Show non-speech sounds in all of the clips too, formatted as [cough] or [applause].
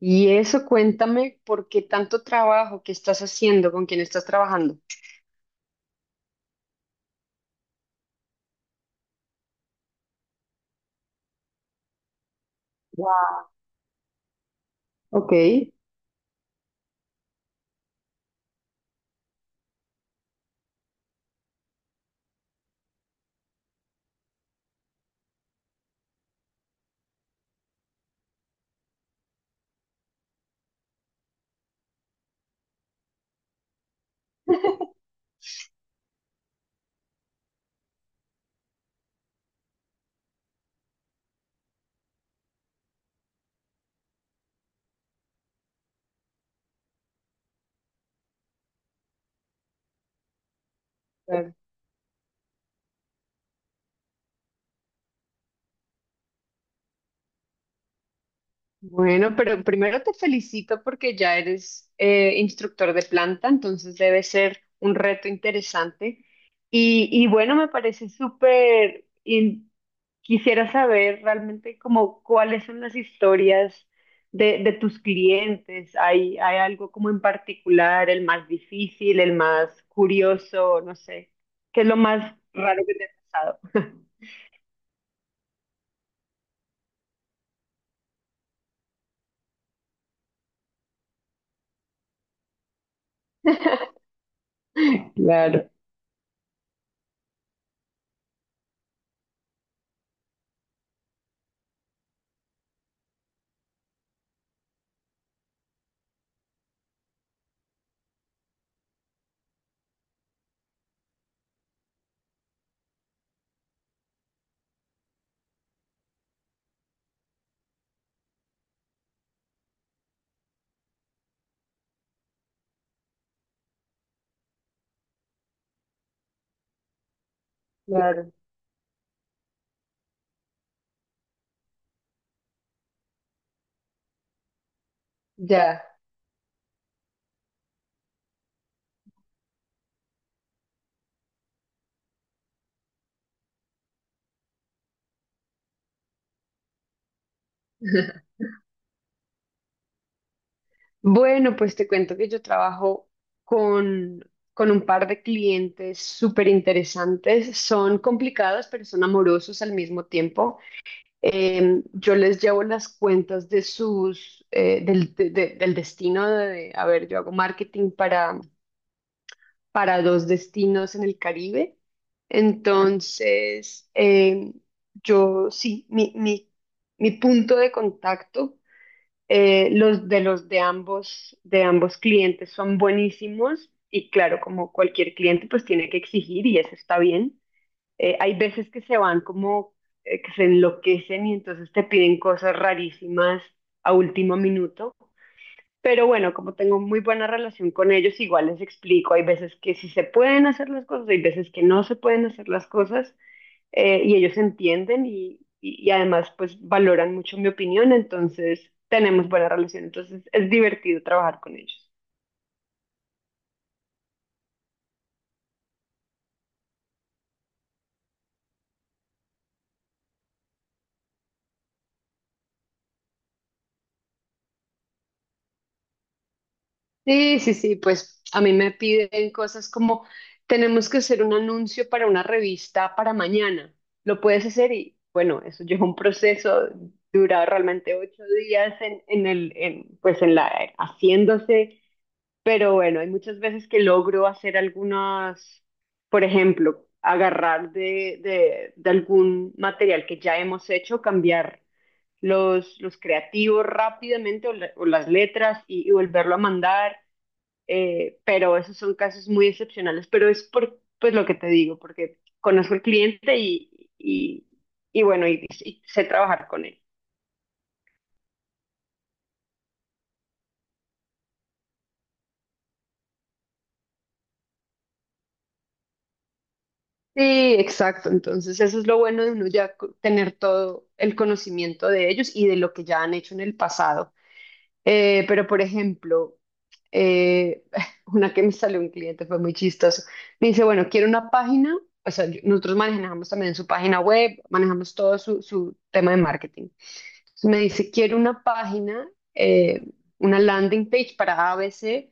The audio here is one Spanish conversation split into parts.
Y eso, cuéntame por qué tanto trabajo, qué estás haciendo, con quién estás trabajando. Wow. Ok. Bueno, pero primero te felicito porque ya eres instructor de planta, entonces debe ser un reto interesante. Y bueno, me parece súper... Quisiera saber realmente como cuáles son las historias de tus clientes. ¿Hay algo como en particular, el más difícil, el más curioso, no sé? ¿Qué es lo más raro que te ha pasado? [laughs] Claro, claro, ya. [laughs] Bueno, pues te cuento que yo trabajo con un par de clientes súper interesantes. Son complicados, pero son amorosos al mismo tiempo. Yo les llevo las cuentas de sus, del destino de, a ver, yo hago marketing para dos destinos en el Caribe. Entonces, yo sí, mi punto de contacto los de ambos clientes son buenísimos y claro, como cualquier cliente, pues tiene que exigir y eso está bien. Hay veces que se van como que se enloquecen y entonces te piden cosas rarísimas a último minuto, pero bueno, como tengo muy buena relación con ellos, igual les explico, hay veces que sí se pueden hacer las cosas, hay veces que no se pueden hacer las cosas, y ellos entienden y además pues valoran mucho mi opinión, entonces tenemos buena relación, entonces es divertido trabajar con ellos. Sí, sí, sí, pues a mí me piden cosas como tenemos que hacer un anuncio para una revista para mañana. ¿Lo puedes hacer? Y bueno, eso [laughs] lleva un proceso, dura realmente ocho días pues en la, haciéndose, pero bueno, hay muchas veces que logro hacer algunas, por ejemplo, agarrar de algún material que ya hemos hecho, cambiar los creativos rápidamente o, o las letras y volverlo a mandar, pero esos son casos muy excepcionales, pero es por pues lo que te digo, porque conozco el cliente y, y bueno, y sé trabajar con él. Sí, exacto. Entonces, eso es lo bueno de uno ya tener todo el conocimiento de ellos y de lo que ya han hecho en el pasado. Pero, por ejemplo, eh, [laughs] una que me salió un cliente fue muy chistoso. Me dice, bueno, quiero una página. O sea, nosotros manejamos también su página web, manejamos todo su, su tema de marketing. Entonces me dice, quiero una página, eh, una landing page para ABC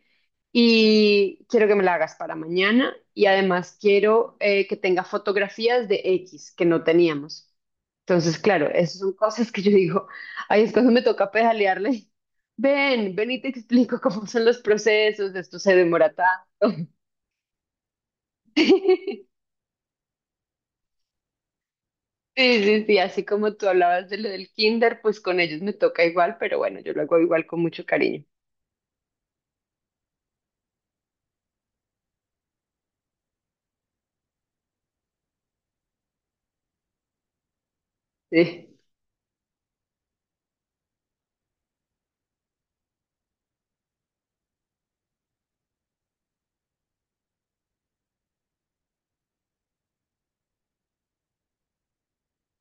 y quiero que me la hagas para mañana y además quiero que tenga fotografías de X que no teníamos. Entonces, claro, esas son cosas que yo digo, ahí es cuando me toca pedalearle. [laughs] Ven, ven y te explico cómo son los procesos, esto se demora tanto. [laughs] Sí, sí, sí, así como tú hablabas de lo del kinder, pues con ellos me toca igual, pero bueno, yo lo hago igual con mucho cariño. Sí.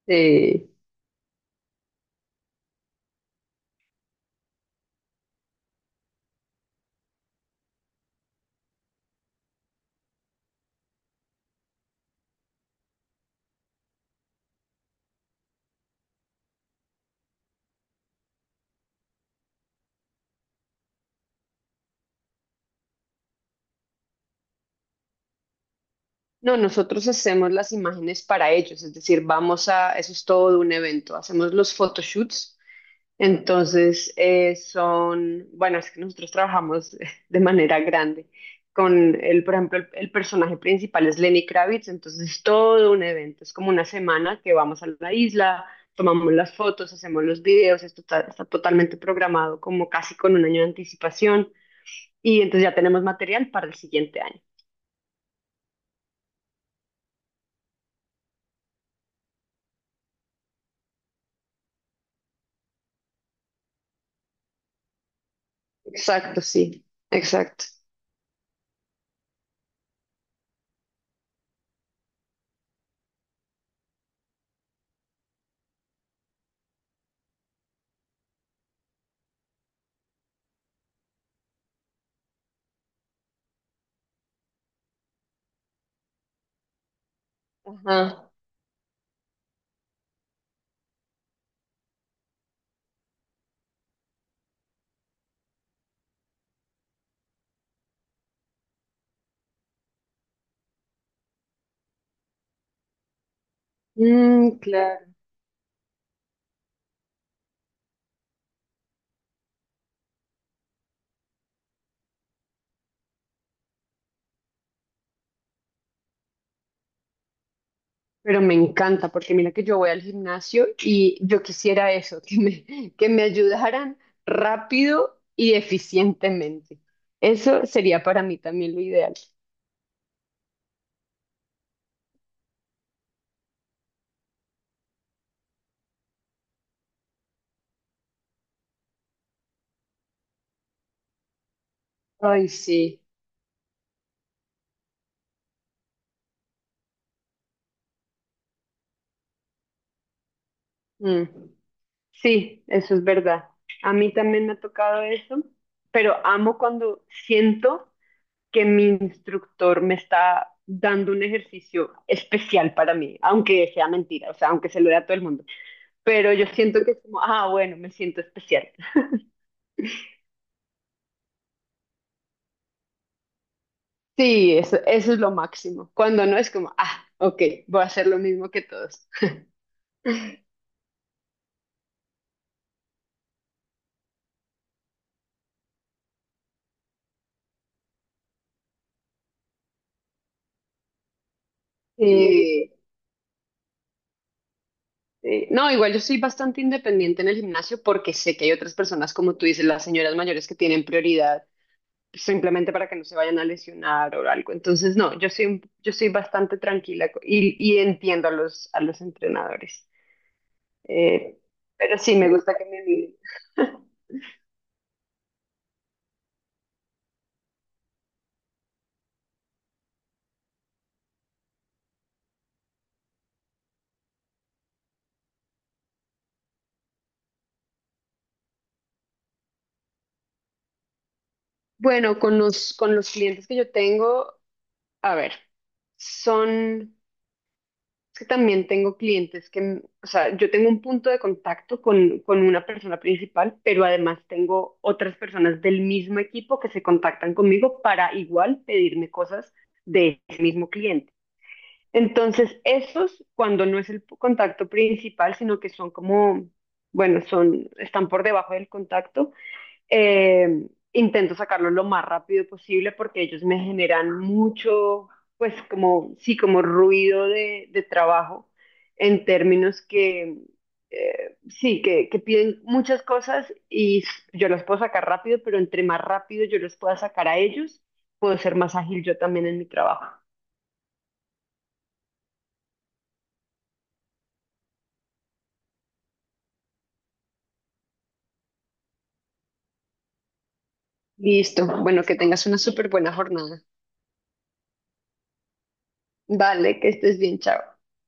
Eh, no, nosotros hacemos las imágenes para ellos, es decir, vamos a, eso es todo un evento, hacemos los photoshoots, entonces son, bueno, es que nosotros trabajamos [laughs] de manera grande con el, por ejemplo, el personaje principal es Lenny Kravitz, entonces es todo un evento, es como una semana que vamos a la isla, tomamos las fotos, hacemos los videos, esto está, está totalmente programado como casi con un año de anticipación y entonces ya tenemos material para el siguiente año. Exacto, sí, exacto. Ajá. Mm, claro. Pero me encanta porque mira que yo voy al gimnasio y yo quisiera eso, [laughs] que me ayudaran rápido y eficientemente. Eso sería para mí también lo ideal. Ay, sí. Mm. Sí, eso es verdad. A mí también me ha tocado eso, pero amo cuando siento que mi instructor me está dando un ejercicio especial para mí, aunque sea mentira, o sea, aunque se lo dé a todo el mundo. Pero yo siento que es como, ah, bueno, me siento especial. Sí, eso es lo máximo. Cuando no es como, ah, ok, voy a hacer lo mismo que todos. Sí. Sí. No, igual yo soy bastante independiente en el gimnasio porque sé que hay otras personas, como tú dices, las señoras mayores que tienen prioridad simplemente para que no se vayan a lesionar o algo. Entonces, no, yo soy, yo soy bastante tranquila y entiendo a los entrenadores. Eh, pero sí, me gusta que me miren. [laughs] Bueno, con los clientes que yo tengo, a ver, son, es que también tengo clientes que, o sea, yo tengo un punto de contacto con una persona principal, pero además tengo otras personas del mismo equipo que se contactan conmigo para igual pedirme cosas de ese mismo cliente. Entonces, esos, cuando no es el contacto principal, sino que son como, bueno, son, están por debajo del contacto, eh, intento sacarlos lo más rápido posible porque ellos me generan mucho, pues como, sí, como ruido de trabajo en términos que, sí, que piden muchas cosas y yo las puedo sacar rápido, pero entre más rápido yo los pueda sacar a ellos, puedo ser más ágil yo también en mi trabajo. Listo. Bueno, que tengas una súper buena jornada. Vale, que estés bien, chao.